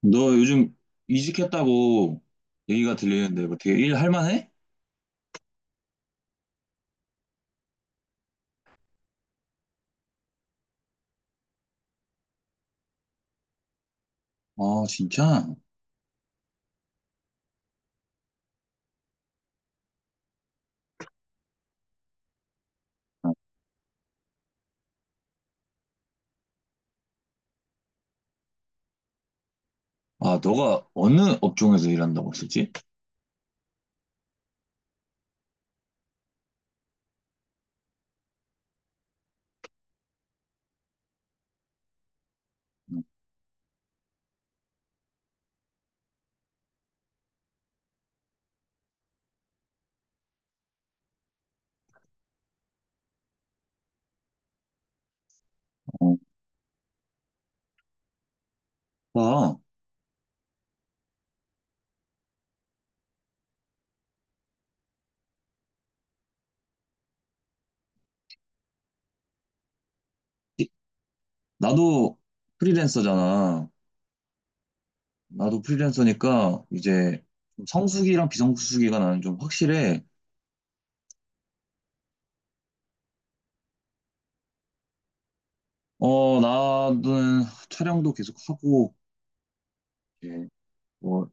너 요즘 이직했다고 얘기가 해? 아, 진짜? 아, 너가 어느 업종에서 일한다고 했었지? 어, 나, 나도 프리랜서잖아. 나도 프리랜서니까 이제 좀 성수기랑 비성수기가 나는 좀 확실해. 어, 나는 촬영도 계속 하고, 이제 뭐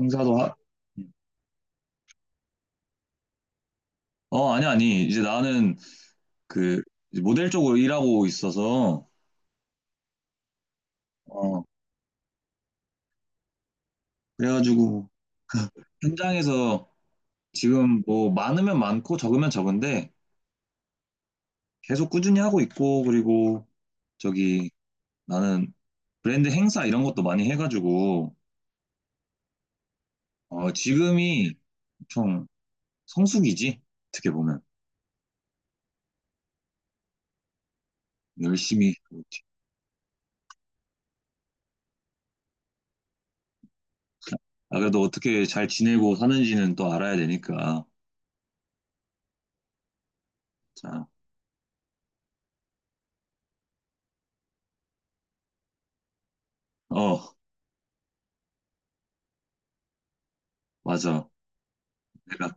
행사도 어, 아니, 아니. 이제 나는 그 이제 모델 쪽으로 일하고 있어서, 어, 그래가지고 현장에서 지금 뭐 많으면 많고 적으면 적은데 계속 꾸준히 하고 있고, 그리고 저기 나는 브랜드 행사 이런 것도 많이 해가지고 어, 지금이 엄청 성수기지, 어떻게 보면. 열심히 하고 있지. 아, 그래도 어떻게 잘 지내고 사는지는 또 알아야 되니까. 자, 어, 맞아. 내가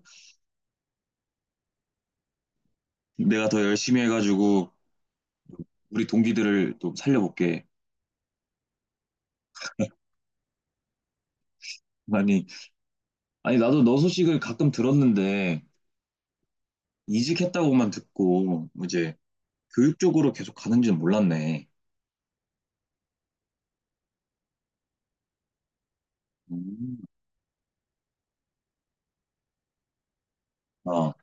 내가 더 열심히 해가지고 우리 동기들을 또 살려볼게. 아니, 아니, 나도 너 소식을 가끔 들었는데, 이직했다고만 듣고, 이제 교육 쪽으로 계속 가는지는 몰랐네. 음, 아,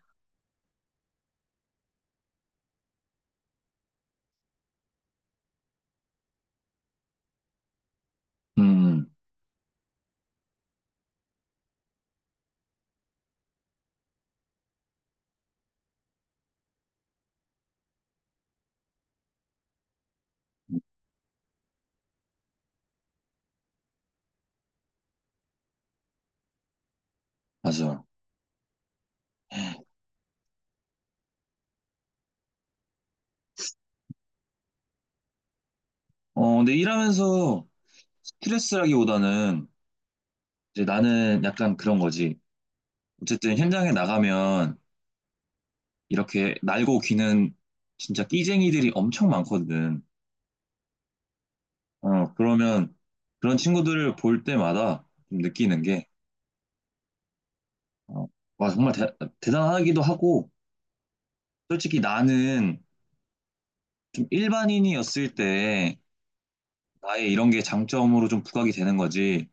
음, 맞아. 어, 근데 일하면서 스트레스라기보다는 이제 나는 약간 그런 거지. 어쨌든 현장에 나가면 이렇게 날고 기는 진짜 끼쟁이들이 엄청 많거든. 어, 그러면 그런 친구들을 볼 때마다 좀 느끼는 게, 어, 와, 정말 대단하기도 하고, 솔직히 나는 좀 일반인이었을 때 나의 이런 게 장점으로 좀 부각이 되는 거지.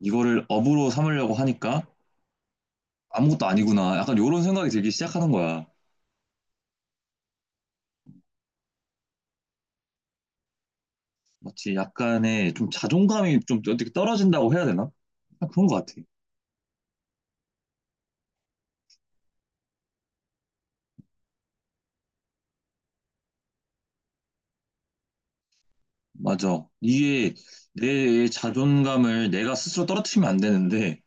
이거를 업으로 삼으려고 하니까 아무것도 아니구나, 약간 요런 생각이 들기 시작하는 거야. 마치 약간의 좀 자존감이 좀 어떻게 떨어진다고 해야 되나? 약간 그런 것 같아. 맞아. 이게 내 자존감을 내가 스스로 떨어뜨리면 안 되는데,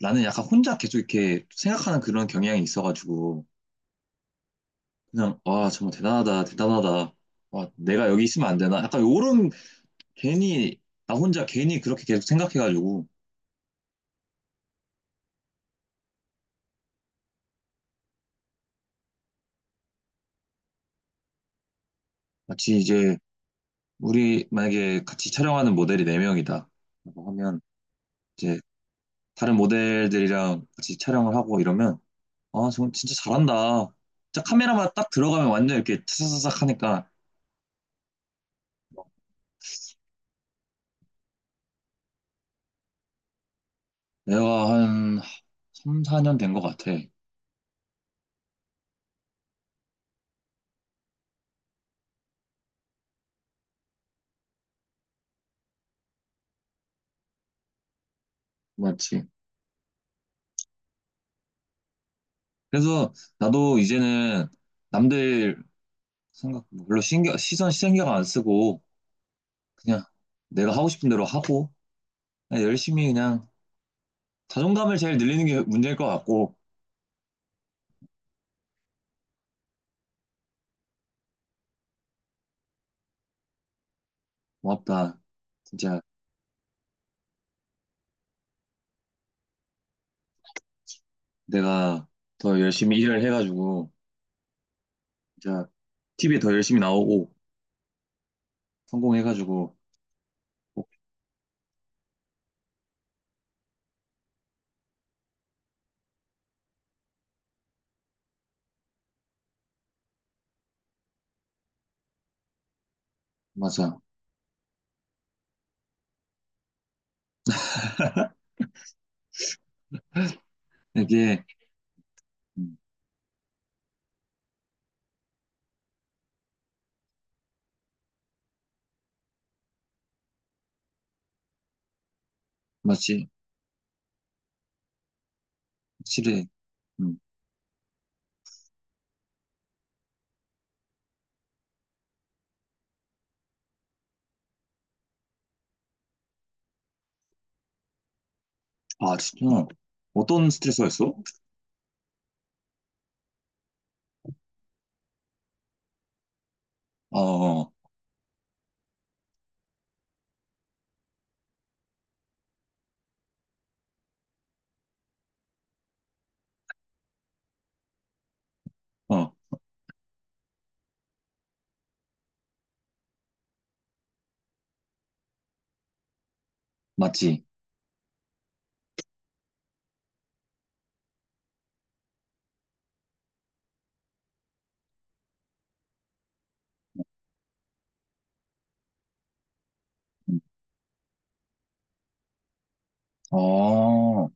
나는 약간 혼자 계속 이렇게 생각하는 그런 경향이 있어가지고, 그냥 와 정말 대단하다 대단하다, 와 내가 여기 있으면 안 되나, 약간 요런. 괜히 나 혼자 괜히 그렇게 계속 생각해가지고. 마치 이제 우리 만약에 같이 촬영하는 모델이 네 명이다 라고 하면, 이제 다른 모델들이랑 같이 촬영을 하고, 이러면 아, 정말 진짜 잘한다. 진짜 카메라만 딱 들어가면 완전 이렇게 차사사삭 하니까. 내가 한 3, 4년 된 것 같아. 맞지. 그래서 나도 이제는 남들 생각 뭐 별로 시선 신경 안 쓰고, 그냥 내가 하고 싶은 대로 하고, 그냥 열심히 그냥 자존감을 제일 늘리는 게 문제일 것 같고. 고맙다. 진짜 내가 더 열심히 일을 해가지고 진짜 TV에 더 열심히 나오고 성공해가지고 꼭- 맞아. 이게 음, 맞지. 확실히. 음. 아, 진짜 어떤 스트레스가 있어? 어어, 어, 어, 맞지. 음. 어,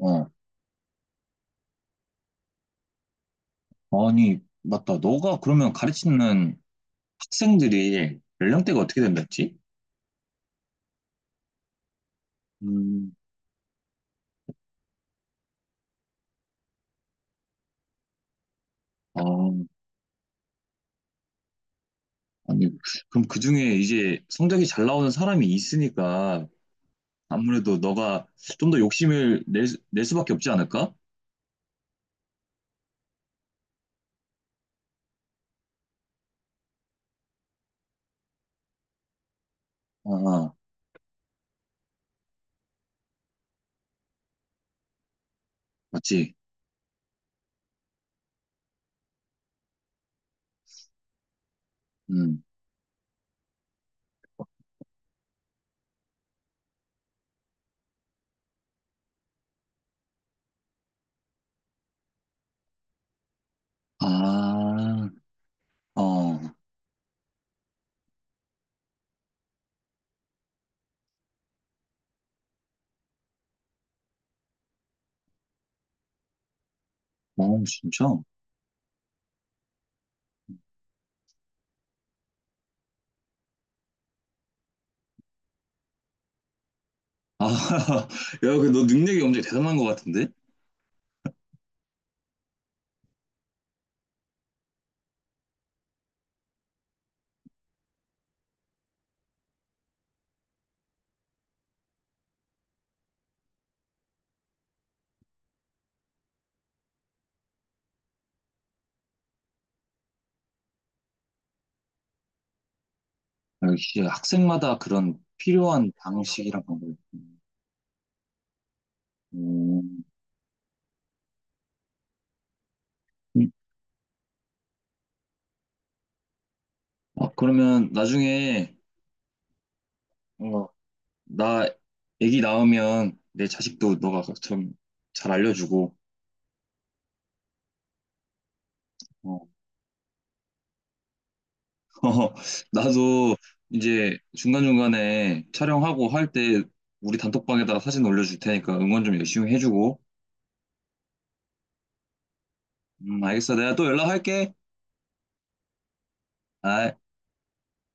어, 아니, 맞다. 너가 그러면 가르치는 학생들이 연령대가 어떻게 된다 했지? 음, 아, 아니, 그럼 그중에 이제 성적이 잘 나오는 사람이 있으니까 아무래도 너가 좀 더 욕심을 낼 수밖에 없지 않을까? 아, 아, 맞지? 음. 아, 어, 어, 진짜? 아, 야, 그 너 능력이 엄청 대단한 것 같은데? 아, 역시 학생마다 그런 필요한 방식이랑 방법이 있구나. 음. 음. 아, 그러면 나중에, 어, 나 애기 낳으면 내 자식도 너가 좀 잘 알려주고, 어, 어, 나도 이제 중간중간에 촬영하고 할 때 우리 단톡방에다가 사진 올려줄 테니까 응원 좀 열심히 해주고. 알겠어. 내가 또 연락할게. 아,